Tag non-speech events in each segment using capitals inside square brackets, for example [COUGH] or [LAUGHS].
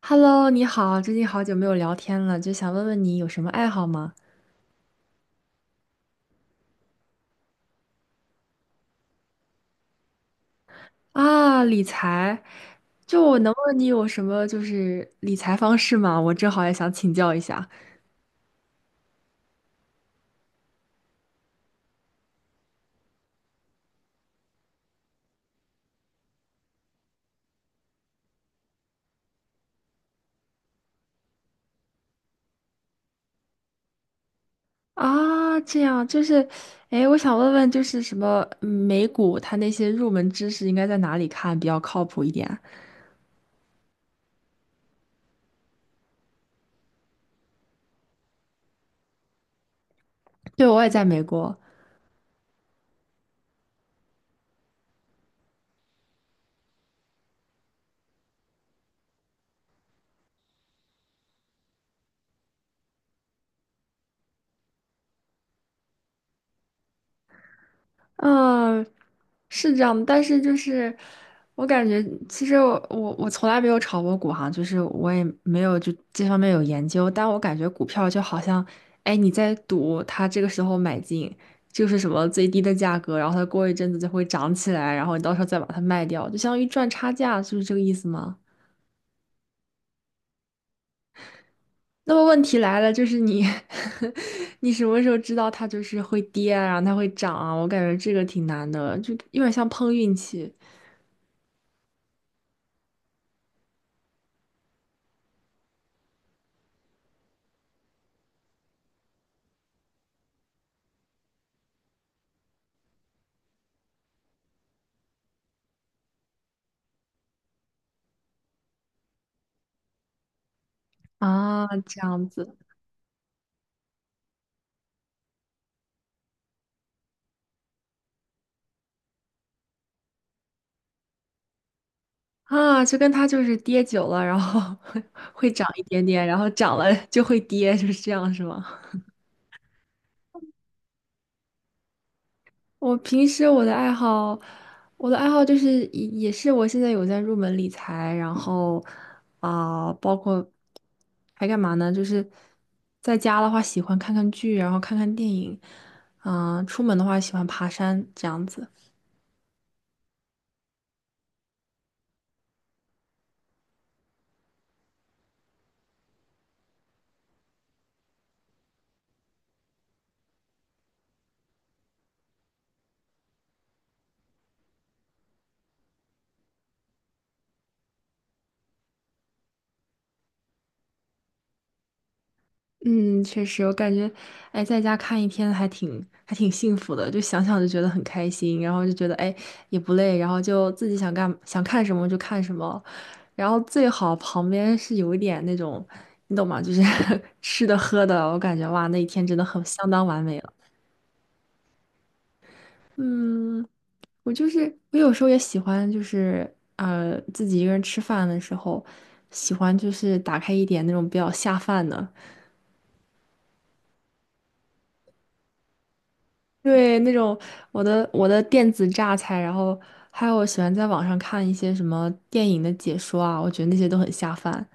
Hello，你好，最近好久没有聊天了，就想问问你有什么爱好吗？啊，理财，就我能问你有什么理财方式吗？我正好也想请教一下。啊，这样就是，哎，我想问问就是什么美股它那些入门知识应该在哪里看比较靠谱一点？对，我也在美国。嗯，是这样的，但是就是我感觉，其实我从来没有炒过股哈，就是我也没有就这方面有研究，但我感觉股票就好像，哎，你在赌它这个时候买进就是什么最低的价格，然后它过一阵子就会涨起来，然后你到时候再把它卖掉，就相当于赚差价，是不是这个意思吗？那么问题来了，就是你 [LAUGHS] 你什么时候知道它就是会跌啊然后它会涨啊？我感觉这个挺难的，就有点像碰运气。啊，这样子啊，就跟他就是跌久了，然后 [LAUGHS] 会涨一点点，然后涨了就会跌，就是这样，是吗？我平时我的爱好，我的爱好就是也是我现在有在入门理财，然后啊、包括还干嘛呢？就是在家的话喜欢看看剧，然后看看电影，嗯、出门的话喜欢爬山这样子。嗯，确实，我感觉，哎，在家看一天还挺幸福的，就想想就觉得很开心，然后就觉得哎也不累，然后就自己想干想看什么就看什么，然后最好旁边是有一点那种，你懂吗？就是 [LAUGHS] 吃的喝的，我感觉哇，那一天真的很相当完美了。嗯，我就是我有时候也喜欢，就是自己一个人吃饭的时候，喜欢就是打开一点那种比较下饭的。对，那种我的电子榨菜，然后还有我喜欢在网上看一些什么电影的解说啊，我觉得那些都很下饭。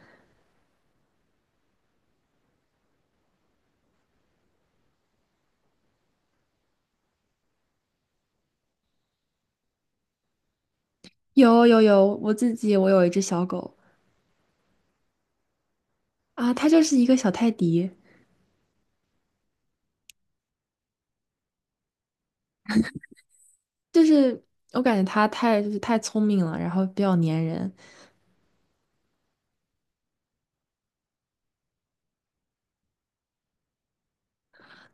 有，我自己我有一只小狗啊，它就是一个小泰迪，就是我感觉它太就是太聪明了，然后比较粘人。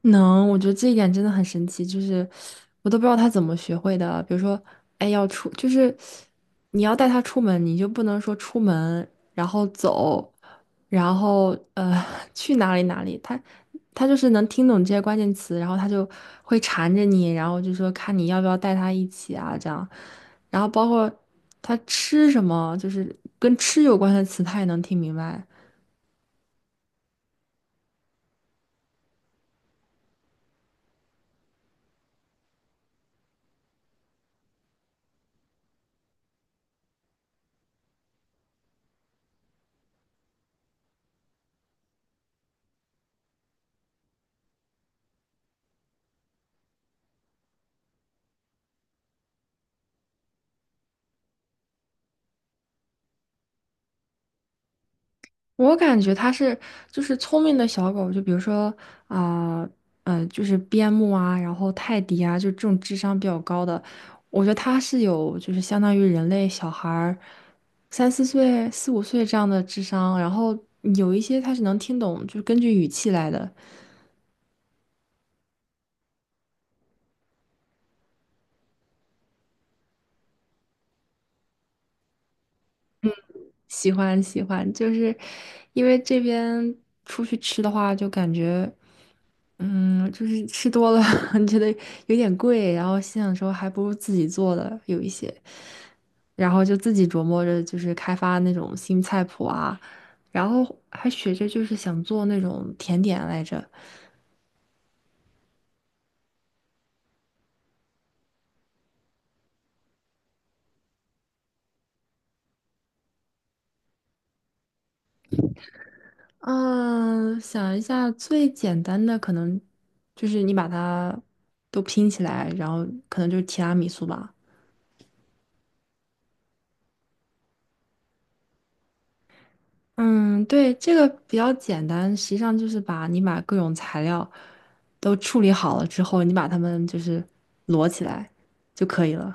能，我觉得这一点真的很神奇，就是我都不知道他怎么学会的。比如说，哎，要出，就是你要带他出门，你就不能说出门，然后走，然后[LAUGHS] 去哪里哪里。他能听懂这些关键词，然后他就会缠着你，然后就说看你要不要带他一起啊，这样。然后包括他吃什么，就是跟吃有关的词，他也能听明白。我感觉它是就是聪明的小狗，就比如说啊，嗯，就是边牧啊，然后泰迪啊，就这种智商比较高的，我觉得它是有就是相当于人类小孩儿三四岁、四五岁这样的智商，然后有一些它是能听懂，就是根据语气来的。喜欢喜欢，就是因为这边出去吃的话，就感觉。嗯，就是吃多了 [LAUGHS] 觉得有点贵，然后心想说还不如自己做的有一些，然后就自己琢磨着就是开发那种新菜谱啊，然后还学着就是想做那种甜点来着。嗯，想一下最简单的可能就是你把它都拼起来，然后可能就是提拉米苏吧。嗯，对，这个比较简单，实际上就是把你把各种材料都处理好了之后，你把它们就是摞起来就可以了。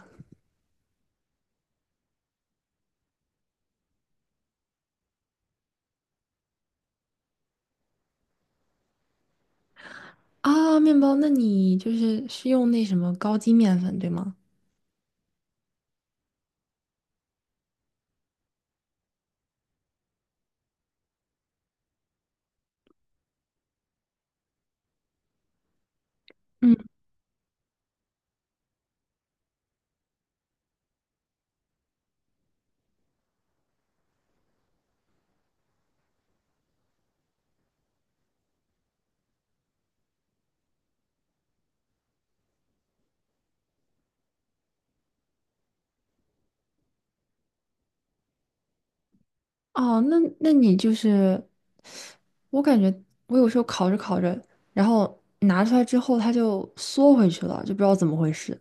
啊，面包，那你就是是用那什么高筋面粉，对吗？嗯，哦，那那你就是，我感觉我有时候烤着烤着，然后拿出来之后它就缩回去了，就不知道怎么回事。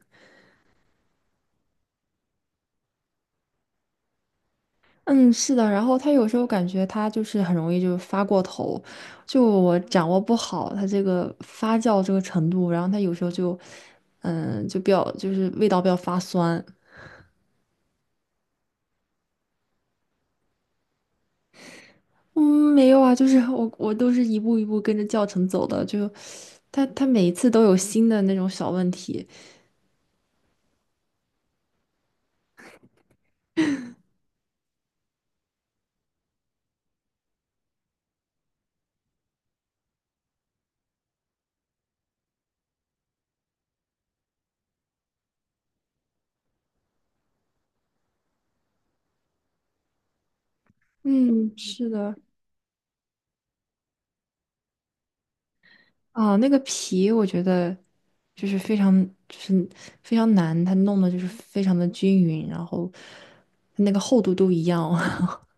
嗯，是的，然后他有时候感觉他就是很容易就发过头，就我掌握不好他这个发酵这个程度，然后他有时候就，嗯，就比较就是味道比较发酸。嗯，没有啊，就是 [LAUGHS] 我都是一步一步跟着教程走的，就他每一次都有新的那种小问题。嗯，是的，啊，那个皮我觉得就是非常就是非常难，它弄的就是非常的均匀，然后那个厚度都一样。[LAUGHS]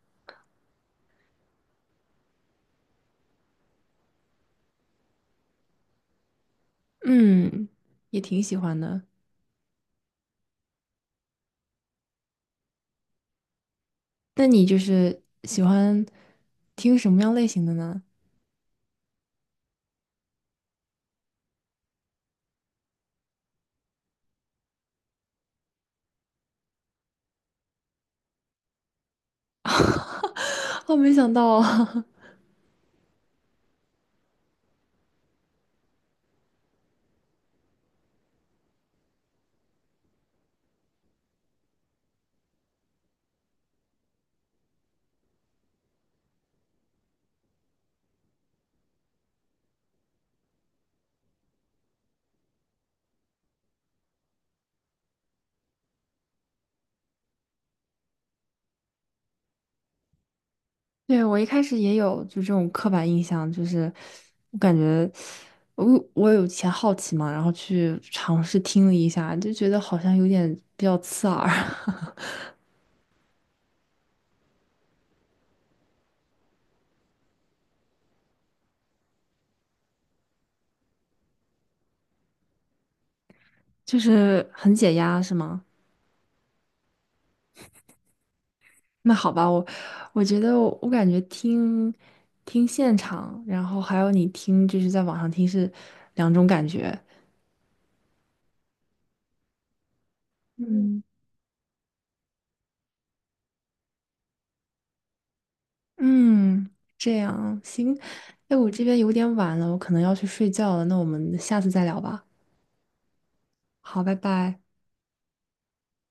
嗯，也挺喜欢的。那你就是喜欢听什么样类型的呢？[LAUGHS] 我没想到啊。[LAUGHS] 对，我一开始也有就这种刻板印象，就是我感觉我我有以前好奇嘛，然后去尝试听了一下，就觉得好像有点比较刺耳。[LAUGHS] 就是很解压，是吗？那好吧，我觉得我感觉听现场，然后还有你听就是在网上听是两种感觉。嗯嗯，这样行。哎，我这边有点晚了，我可能要去睡觉了。那我们下次再聊吧。好，拜拜。